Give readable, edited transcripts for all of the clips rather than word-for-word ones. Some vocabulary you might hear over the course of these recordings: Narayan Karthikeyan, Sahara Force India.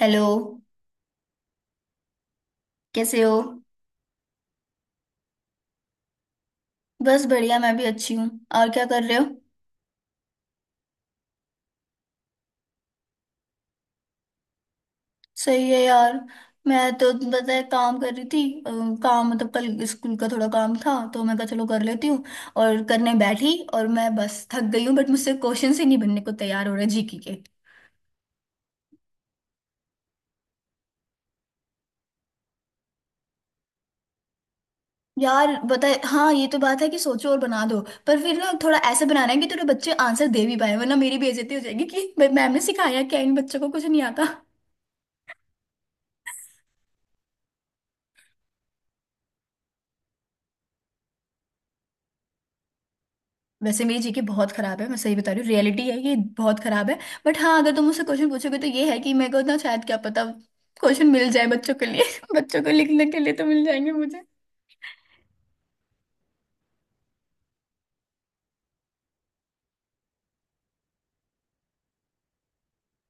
Hello. कैसे हो? बस बढ़िया, मैं भी अच्छी हूँ। और क्या कर रहे हो? सही है यार। मैं तो पता है काम कर रही थी। अ, काम मतलब कल स्कूल का थोड़ा काम था, तो मैं कहा चलो कर लेती हूँ। और करने बैठी और मैं बस थक गई हूँ, बट मुझसे क्वेश्चन ही नहीं बनने को तैयार हो रहे जीके के। यार बताए, हाँ, ये तो बात है कि सोचो और बना दो। पर फिर ना थोड़ा ऐसे बनाना है कि थोड़े बच्चे आंसर दे भी पाए, वरना मेरी बेइज्जती हो जाएगी कि भाई मैम ने सिखाया क्या, इन बच्चों को कुछ नहीं आता। वैसे मेरी जीके बहुत खराब है, मैं सही बता रही हूँ, रियलिटी है ये, बहुत खराब है। बट हाँ, अगर तुम मुझसे क्वेश्चन पूछोगे तो ये है कि मेरे को ना शायद, क्या पता, क्वेश्चन मिल जाए बच्चों के लिए। बच्चों को लिखने के लिए तो मिल जाएंगे मुझे।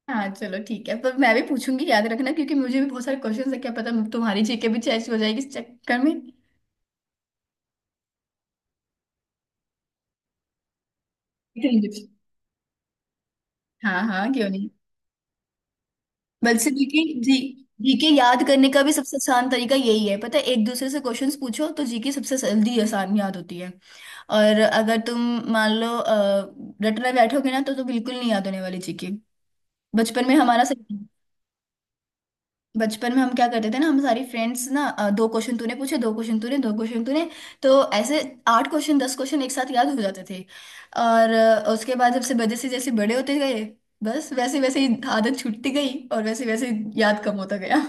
हाँ चलो, ठीक है, पर मैं भी पूछूंगी, याद रखना, क्योंकि मुझे भी बहुत सारे क्वेश्चन है। क्या पता तुम्हारी जीके भी चेस्ट हो जाएगी इस चक्कर में। लेकिन मुझे भी- हाँ हाँ, क्यों नहीं। बल्कि जीके जी, जीके याद करने का भी सबसे आसान तरीका यही है, पता है, एक दूसरे से क्वेश्चंस पूछो, तो जीके सबसे जल्दी आसान याद होती है। और अगर तुम मान लो रट में बैठोगे ना तो बिल्कुल नहीं याद होने वाली जीके। बचपन में हमारा सही। बचपन में हम क्या करते थे ना, हम सारी फ्रेंड्स ना दो क्वेश्चन तूने पूछे, दो क्वेश्चन तूने, दो क्वेश्चन तूने। तो ऐसे आठ क्वेश्चन, 10 क्वेश्चन एक साथ याद हो जाते थे। और उसके बाद जब से जैसे जैसे बड़े होते गए, बस वैसे वैसे ही आदत छूटती गई और वैसे वैसे याद कम होता गया।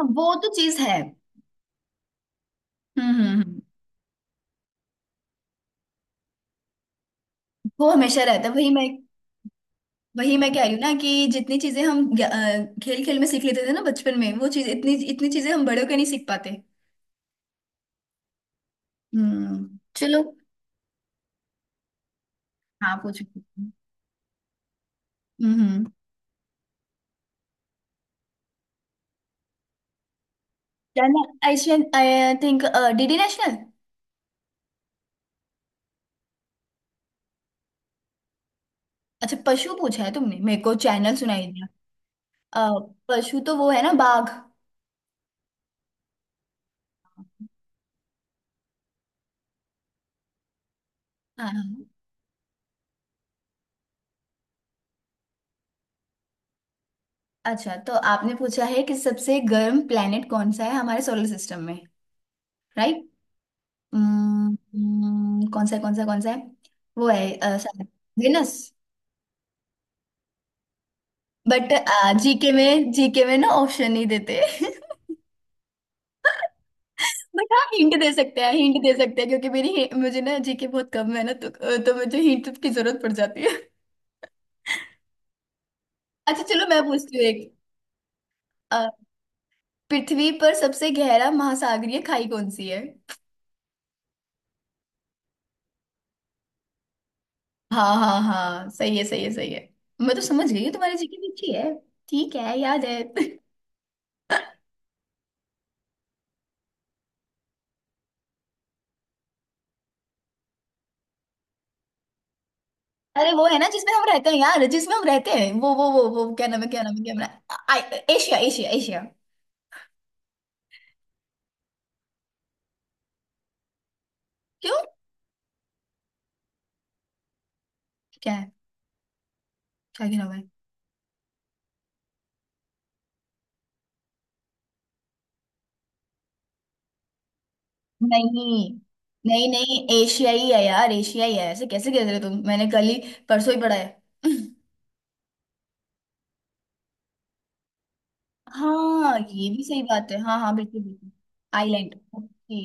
हाँ, वो तो चीज है। हम्म हम्म हम्म। वो हमेशा रहता है, वही मैं, वही मैं कह रही हूँ ना कि जितनी चीजें हम खेल खेल में सीख लेते थे ना बचपन में, वो चीज, इतनी इतनी चीजें हम बड़े होकर नहीं सीख पाते। चलो। हाँ पूछो। हम्म। National, I think, DD National. अच्छा, पशु पूछा है तुमने, मेरे को चैनल सुनाई दिया। अ, पशु तो वो है ना, बाघ, हाँ। हाँ। अच्छा, तो आपने पूछा है कि सबसे गर्म प्लेनेट कौन सा है हमारे सोलर सिस्टम में। राइट। कौन सा है, कौन सा, कौन सा है? वो है वेनस। बट जीके में, जीके में ना ऑप्शन नहीं देते। बट हाँ, हिंट दे सकते हैं, हिंट दे सकते हैं, क्योंकि मेरी, मुझे ना जीके बहुत कम है ना तो मुझे हिंट की जरूरत पड़ जाती है। अच्छा चलो, मैं पूछती हूँ एक। अ, पृथ्वी पर सबसे गहरा महासागरीय खाई कौन सी है? हाँ हाँ हाँ, सही है सही है सही है। मैं तो समझ गई हूँ, तुम्हारी जीके भी अच्छी है। ठीक है, याद है। अरे वो है ना जिसमें हम रहते हैं यार, जिसमें हम रहते हैं वो क्या नाम है, क्या नाम है, क्या नाम है, एशिया एशिया एशिया। क्यों? क्या है? क्या गिरा? नहीं। नहीं नहीं, एशियाई है यार, एशियाई है, ऐसे कैसे कह रहे हो तुम, मैंने कल ही, परसों ही पढ़ा है। हाँ ये भी सही बात है, हाँ हाँ, बिल्कुल बिल्कुल। Island, okay.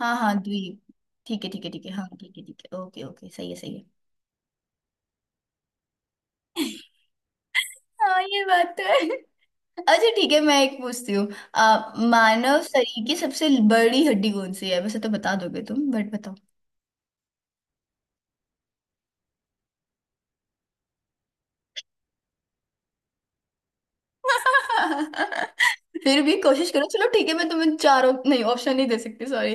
हाँ हाँ, द्वीप। ठीक है ठीक है ठीक है, हाँ ठीक है ठीक है, ओके ओके, सही है सही है। हाँ ये बात तो है। अच्छा ठीक है, मैं एक पूछती हूँ। आ, मानव शरीर की सबसे बड़ी हड्डी कौन सी है? वैसे तो बता दोगे तुम, बट बताओ। फिर भी कोशिश करो चलो, ठीक है, मैं तुम्हें चारों नहीं, ऑप्शन नहीं दे सकती, सॉरी।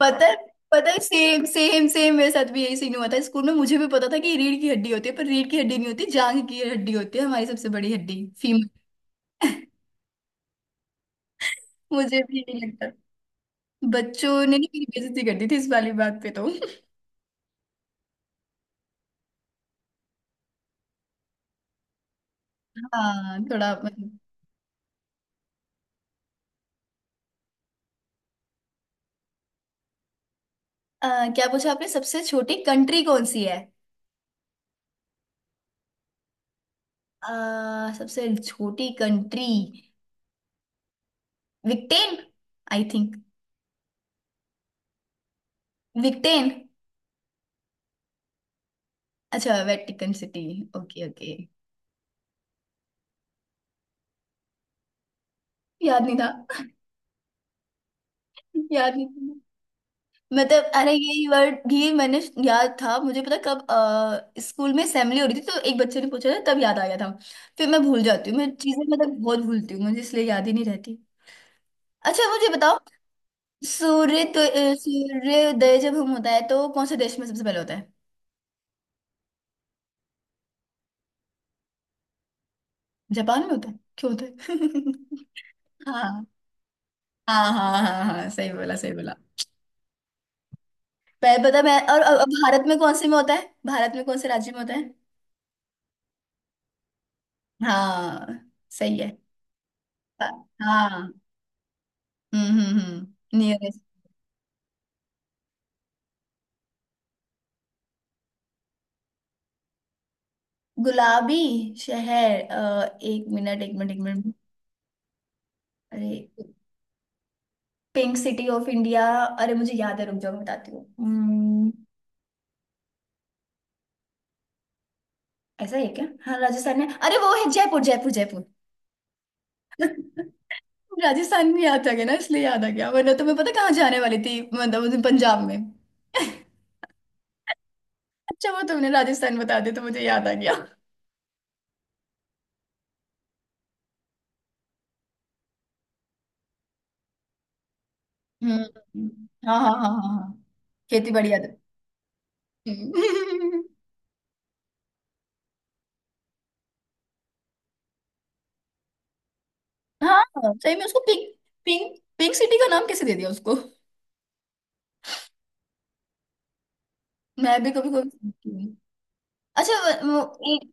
पता है, पता है, सेम सेम सेम मेरे साथ भी यही सीन हुआ था स्कूल में, मुझे भी पता था कि रीढ़ की हड्डी होती है, पर रीढ़ की हड्डी नहीं होती, जांघ की हड्डी होती है हमारी सबसे बड़ी हड्डी, फीमर। मुझे भी यही लगता। बच्चों ने नहीं, मेरी बेइज्जती कर दी थी इस वाली बात पे तो। हाँ थोड़ा मतलब। अ, क्या पूछा आपने, सबसे छोटी कंट्री कौन सी है? सबसे छोटी कंट्री। विक्टेन, आई थिंक। विक्टेन। अच्छा, वेटिकन सिटी, ओके ओके। याद नहीं था। याद नहीं था मतलब, अरे यही वर्ड भी मैंने याद था मुझे, पता कब, स्कूल में असेंबली हो रही थी, तो एक बच्चे ने पूछा था, तब याद आ गया था। फिर मैं भूल जाती हूँ, मैं चीजें मतलब बहुत भूलती हूँ, मुझे इसलिए याद ही नहीं रहती। अच्छा मुझे बताओ, सूर्य तो, सूर्योदय जब हम होता है तो कौन से देश में सबसे पहले होता है? जापान में होता है, क्यों होता है? हाँ हाँ हाँ हाँ हाँ, सही बोला सही बोला। पहले पता मैं, और भारत में कौन से में होता है? भारत में कौन से राज्य में होता है? हाँ, सही है। हाँ हाँ। हम्म, नियरेस्ट। गुलाबी शहर, एक मिनट, एक मिनट, एक मिनट। अरे, पिंक सिटी ऑफ इंडिया। अरे मुझे याद है, रुक जाओ, मैं बताती हूँ, ऐसा है क्या, हाँ राजस्थान में, अरे वो है जयपुर, जयपुर, जयपुर। राजस्थान में याद आ गया ना, इसलिए याद आ गया, वरना तुम्हें पता कहाँ जाने वाली थी मतलब, उस दिन पंजाब में। अच्छा वो तुमने राजस्थान बता दिया, तो मुझे याद आ गया। हम्म। हाँ हाँ हाँ हाँ हाँ। खेती बड़ी याद है। हम्म। हाँ सही में उसको पिंक, पिंक पिंक सिटी का नाम कैसे दे दिया उसको? मैं भी कभी कभी सोचती हूँ। अच्छा, वो एक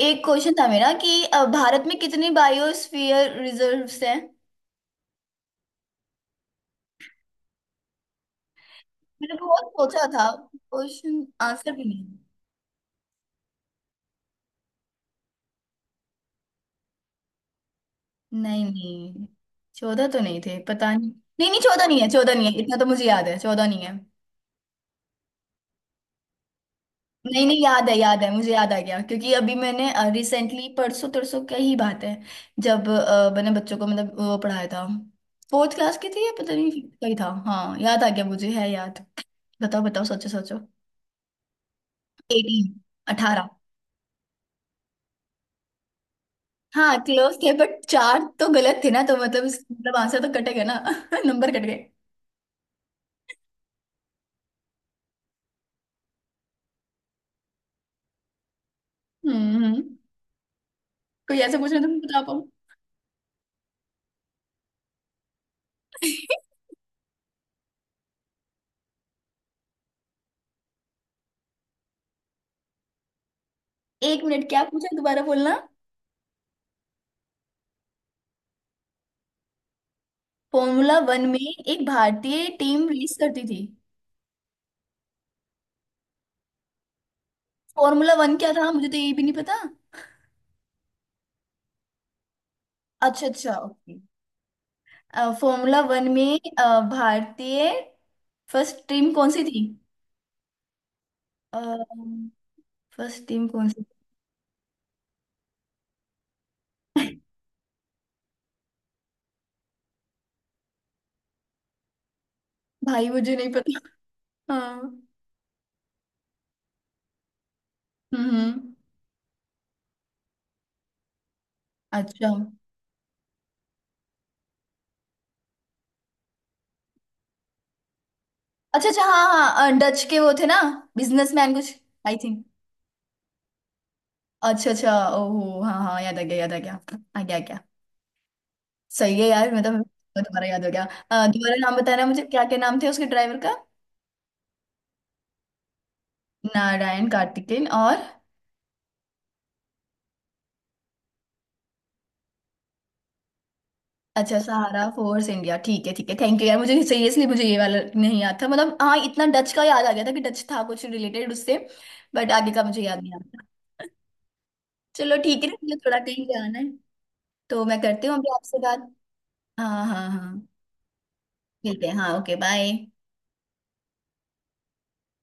एक क्वेश्चन था मेरा कि भारत में कितनी बायोस्फीयर रिजर्व्स हैं? मैंने बहुत सोचा था, क्वेश्चन आंसर भी नहीं। नहीं नहीं, 14 तो नहीं थे, पता नहीं। नहीं नहीं, 14 नहीं है, 14 नहीं है, इतना तो मुझे याद है, 14 नहीं है। नहीं नहीं, याद है, याद है, मुझे याद आ गया क्योंकि अभी मैंने रिसेंटली, परसों तरसों क्या ही बात है। जब मैंने बच्चों को मतलब वो पढ़ाया था, फोर्थ क्लास की थी या पता नहीं कहीं था, हाँ याद आ गया मुझे, है याद। बताओ बताओ, सोचो सोचो। 18, 18। हाँ क्लोज थे, बट चार तो गलत थे ना, तो मतलब मतलब आंसर तो कटेगा ना। नंबर कट गए। हम्म हम्म। कोई ऐसे पूछ रहे तुम बता पाऊँ। एक मिनट, क्या पूछा? दोबारा बोलना। फॉर्मूला वन में एक भारतीय टीम रेस करती थी? फॉर्मूला वन क्या था? मुझे तो ये भी नहीं पता। अच्छा अच्छा ओके। फॉर्मूला वन में भारतीय फर्स्ट टीम कौन सी थी? फर्स्ट टीम कौन सी थी? भाई, मुझे नहीं पता। हाँ। हम्म हम्म। अच्छा अच्छा। अच्छा, हाँ हाँ, डच के वो थे ना, बिजनेसमैन कुछ, आई थिंक। अच्छा अच्छा। ओहो, हाँ हाँ, याद आ गया, याद आ गया। आ गया क्या? सही है यार मतलब, दोबारा याद हो गया। दोबारा नाम बताना मुझे, क्या क्या नाम थे उसके ड्राइवर का। नारायण कार्तिकेन, और? अच्छा, सहारा फोर्स इंडिया, ठीक है ठीक है, थैंक यू यार, मुझे सीरियसली, मुझे ये वाला नहीं याद था मतलब, हाँ इतना डच का याद आ गया था कि डच था कुछ रिलेटेड उससे। बट आगे का मुझे याद नहीं आ रहा। चलो ठीक है ना, मुझे थोड़ा कहीं जाना है, तो मैं करती हूँ अभी आपसे बात। हाँ हाँ हाँ। ठीक है, हाँ ओके, बाय।